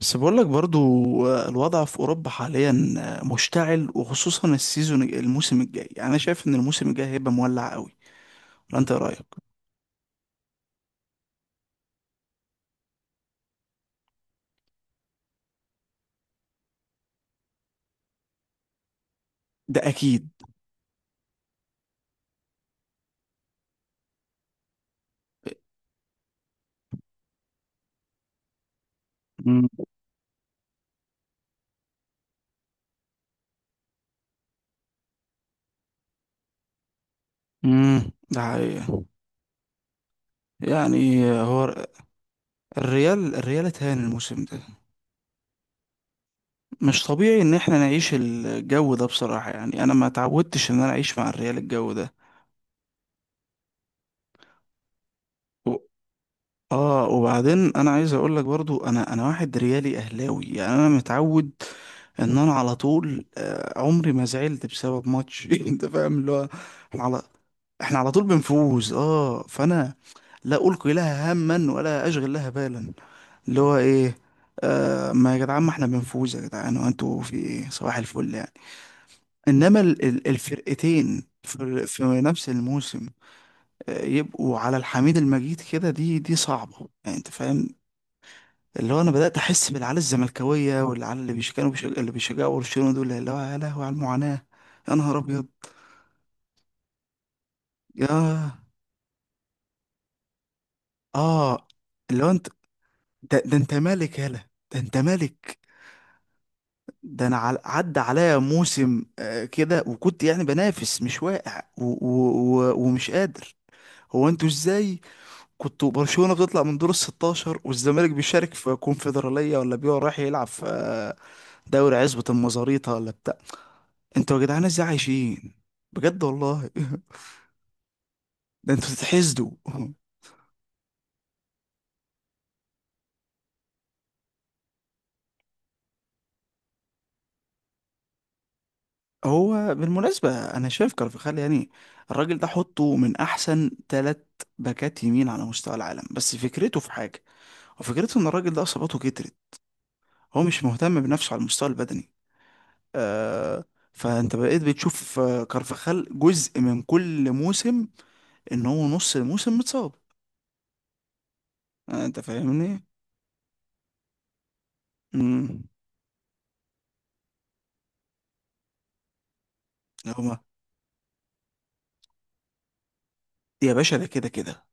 بس بقول لك برضو. الوضع في أوروبا حاليا مشتعل، وخصوصا السيزون الموسم الجاي. يعني أنا شايف إن الموسم الجاي هيبقى مولع قوي. ولا أنت إيه رأيك؟ ده أكيد. مم. مم. ده حقيقة. يعني هو الريال اتهان الموسم ده. مش طبيعي إن إحنا نعيش الجو ده بصراحة، يعني أنا ما تعودتش إن أنا أعيش مع الريال الجو ده. و- آه وبعدين أنا عايز أقول لك برضو، أنا واحد ريالي أهلاوي. يعني أنا متعود ان انا على طول، عمري ما زعلت بسبب ماتش. انت فاهم اللي هو، احنا على احنا على طول بنفوز، اه فانا لا القي لها هما ولا اشغل لها بالا. اللي هو ايه؟ ما يا جدعان، ما احنا بنفوز يا جدعان، وانتوا في ايه صباح الفل يعني. انما الفرقتين في نفس الموسم يبقوا على الحميد المجيد كده، دي صعبة يعني. انت فاهم اللي هو، انا بدات احس بالعيال الزملكاويه والعيال اللي بيشجعوا برشلونه دول. اللي هو يا لهوي على المعاناه، يا نهار ابيض، يا اه اللي هو انت، ده انت مالك، يالا ده انت مالك. ده انا عدى عليا موسم كده، وكنت يعني بنافس، مش واقع، و و و ومش قادر. هو انتوا ازاي كنتوا؟ برشلونة بتطلع من دور ال 16، والزمالك بيشارك في كونفدرالية، ولا بيقع رايح يلعب في دوري عزبة المزاريطة، ولا انتوا يا جدعان ازاي عايشين؟ بجد والله. ده انتوا بتتحسدوا. هو بالمناسبة أنا شايف كارفخال يعني، الراجل ده حطه من أحسن 3 باكات يمين على مستوى العالم، بس فكرته في حاجة، وفكرته إن الراجل ده إصاباته كترت. هو مش مهتم بنفسه على المستوى البدني. آه، فأنت بقيت بتشوف كارفخال جزء من كل موسم، إن هو نص الموسم متصاب. آه، أنت فاهمني؟ امم. هو يا باشا، ده كده كده.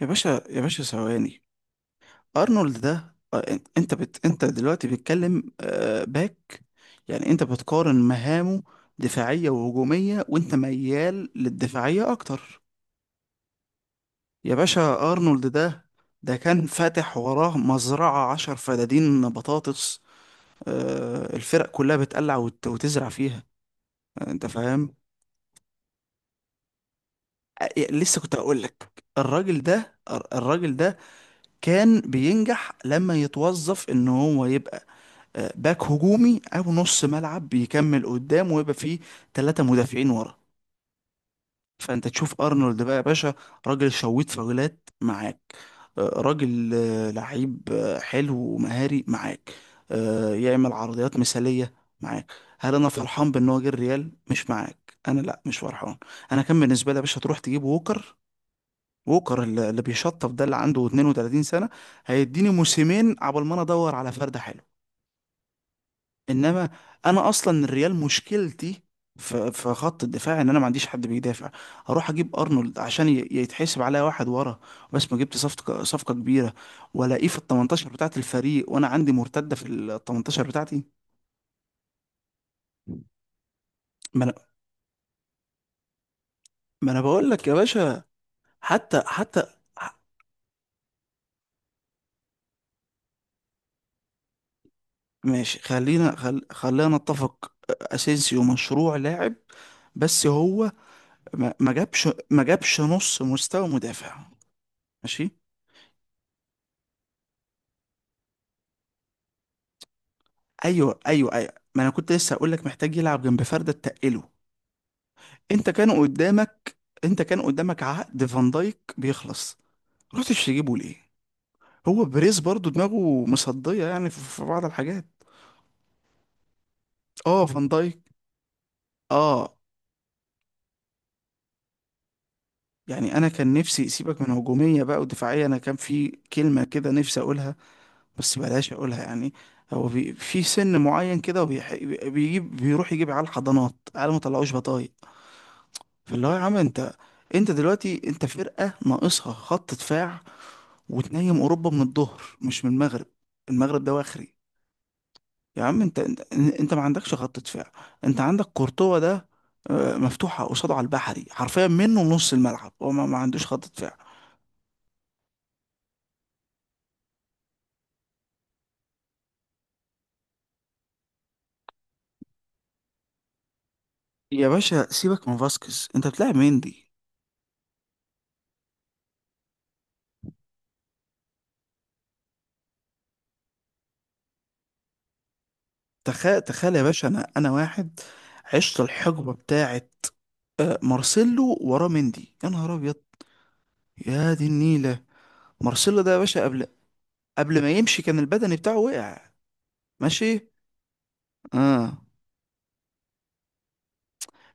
يا باشا يا باشا ثواني، ارنولد ده انت دلوقتي بتتكلم باك. يعني انت بتقارن مهامه دفاعية وهجومية، وانت ميال للدفاعية اكتر. يا باشا، ارنولد ده كان فاتح وراه مزرعة 10 فدادين بطاطس، الفرق كلها بتقلع وتزرع فيها. انت فاهم. لسه كنت اقول لك، الراجل ده الراجل ده كان بينجح لما يتوظف ان هو يبقى باك هجومي او نص ملعب، بيكمل قدام ويبقى فيه 3 مدافعين ورا. فانت تشوف ارنولد بقى يا باشا، راجل شويت فاولات معاك، راجل لعيب حلو ومهاري معاك، يعمل عرضيات مثالية معاك. هل انا فرحان بان هو جه الريال مش معاك؟ انا لا، مش فرحان. انا كان بالنسبة لي يا باشا تروح تجيب ووكر. ووكر اللي بيشطف ده، اللي عنده 32 سنة، هيديني موسمين عبال ما انا ادور على فرد حلو. انما انا اصلا الريال مشكلتي في خط الدفاع، ان انا ما عنديش حد بيدافع. اروح اجيب ارنولد عشان يتحسب عليا واحد ورا، بس ما جبت صفقه كبيره والاقيه في ال 18 بتاعت الفريق، وانا عندي مرتده في ال 18 بتاعتي. ما انا ما انا بقول لك يا باشا، حتى حتى. ماشي، خلينا نتفق. اسينسيو مشروع لاعب، بس هو ما جابش نص مستوى مدافع. ماشي. ايوه، ايوه، ايوه، ما انا كنت لسه هقول لك محتاج يلعب جنب فرده تقله. انت كان قدامك انت كان قدامك عقد فان دايك بيخلص، رحتش تجيبه ليه؟ هو بريز برضو دماغه مصديه يعني في بعض الحاجات. اه، فان دايك. اه، يعني انا كان نفسي، سيبك من هجوميه بقى ودفاعيه، انا كان في كلمه كده نفسي اقولها بس بلاش اقولها يعني. هو في سن معين كده، وبيح- بيجيب بيروح يجيب على الحضانات على ما طلعوش بطايق. فاللي هو يا عم انت انت دلوقتي انت فرقة ناقصها خط دفاع، وتنيم اوروبا من الظهر مش من المغرب. المغرب ده واخري. يا عم، انت ما عندكش خط دفاع. انت عندك كورتوا ده مفتوحة قصاده على البحري، حرفيا منه نص الملعب، هو ما عندوش خط دفاع. يا باشا سيبك من فاسكيز، انت بتلعب مندي. تخيل تخيل يا باشا، انا واحد عشت الحقبة بتاعت مارسيلو وراه مندي. يا نهار ابيض، يا دي النيلة. مارسيلو ده يا باشا، قبل ما يمشي كان البدني بتاعه وقع. ماشي. اه،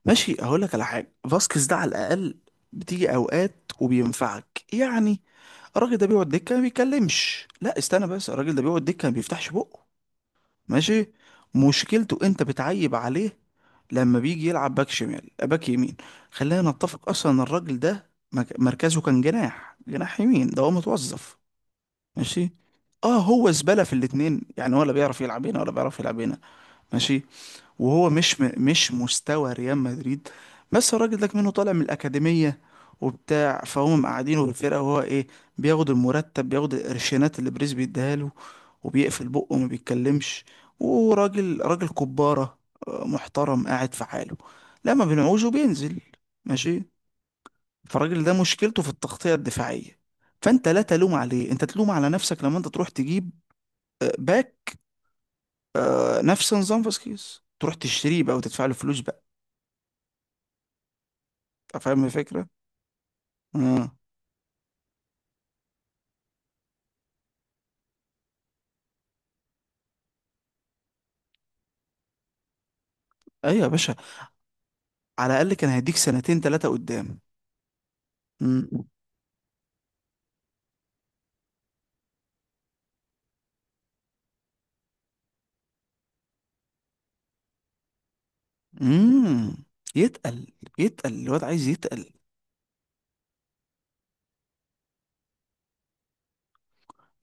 ماشي، هقول لك على حاجه. فاسكيز ده على الاقل بتيجي اوقات وبينفعك يعني. الراجل ده بيقعد دكه ما بيتكلمش. لا استنى، بس الراجل ده بيقعد دكه ما بيفتحش بقه. ماشي. مشكلته، انت بتعيب عليه لما بيجي يلعب باك شمال باك يمين. خلينا نتفق اصلا إن الراجل ده مركزه كان جناح يمين، ده هو متوظف. ماشي. اه، هو زبالة في الاتنين يعني، ولا بيعرف يلعب هنا ولا بيعرف يلعب هنا. ماشي. وهو مش مش مستوى ريال مدريد، بس الراجل ده منه طالع من الأكاديمية وبتاع، فهم مقعدينه بالفرقة وهو ايه، بياخد المرتب، بياخد القرشينات اللي بريز بيديها له، وبيقفل بقه وما بيتكلمش، راجل كبارة محترم قاعد في حاله، لما بنعوزه بينزل. ماشي. فالراجل ده مشكلته في التغطية الدفاعية، فانت لا تلوم عليه، انت تلوم على نفسك لما انت تروح تجيب باك نفس نظام فاسكيز، تروح تشتريه بقى وتدفع له فلوس بقى. أنت فاهم الفكرة. امم. ايوه يا باشا، على الاقل كان هيديك سنتين ثلاثه قدام. امم. امم. يتقل يتقل الواد، عايز يتقل.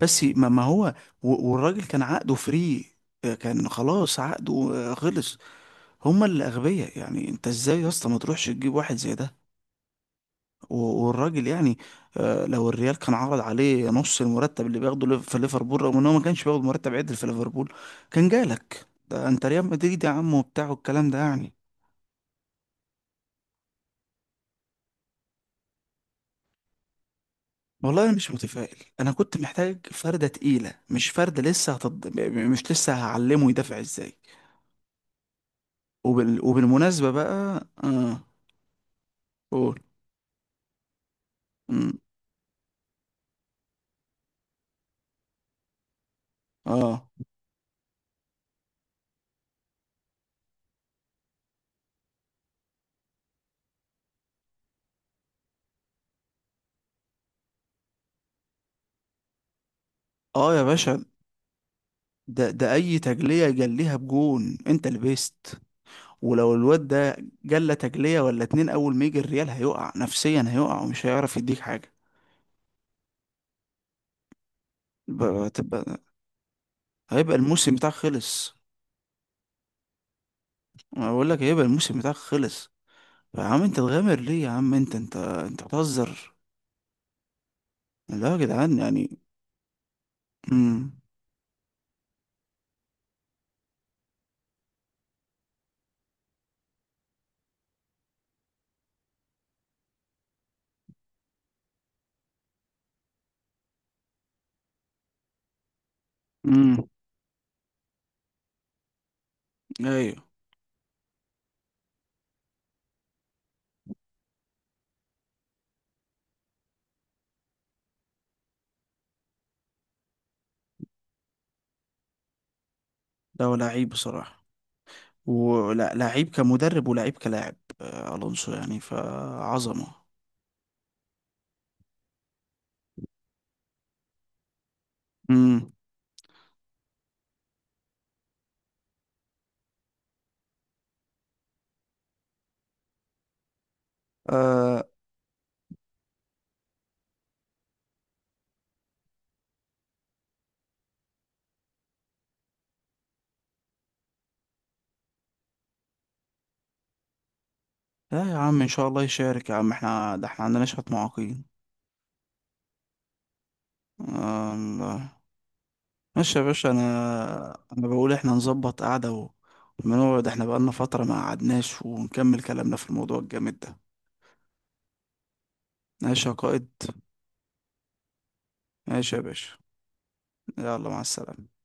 بس ما هو والراجل كان عقده فري، كان خلاص عقده خلص. هما اللي اغبياء يعني، انت ازاي يا اسطى ما تروحش تجيب واحد زي ده؟ والراجل يعني، لو الريال كان عرض عليه نص المرتب اللي بياخده في ليفربول، رغم ان هو ما كانش بياخد مرتب عدل في ليفربول، كان جالك. ده انت ريال مدريد يا عم وبتاع، والكلام ده يعني. والله انا مش متفائل، انا كنت محتاج فرده تقيله، مش فرده لسه مش لسه هعلمه يدافع ازاي. وبالمناسبه بقى، قول. مم. اه. اه، يا باشا، ده اي تجليه جليها بجون انت لبست. ولو الواد ده جلى تجليه ولا اتنين، اول ما يجي الريال هيقع نفسيا، هيقع ومش هيعرف يديك حاجه. تبقى هيبقى الموسم بتاعك خلص. انا بقول لك هيبقى الموسم بتاعك خلص. يا عم انت تغامر ليه؟ يا عم انت بتهزر. لا يا جدعان يعني. امم. امم. ايوه. ده هو لعيب بصراحة، ولا لعيب كمدرب ولعيب كلاعب الونسو يعني، فعظمة. امم. آه لا يا عم، ان شاء الله يشارك يا عم، احنا ده احنا عندنا شوية معاقين. الله. ماشي يا باشا، انا بقول احنا نظبط قعدة ونقعد، احنا بقالنا فترة ما قعدناش، ونكمل كلامنا في الموضوع الجامد ده. ماشي يا قائد. ماشي يا باشا. يلا مع السلامة.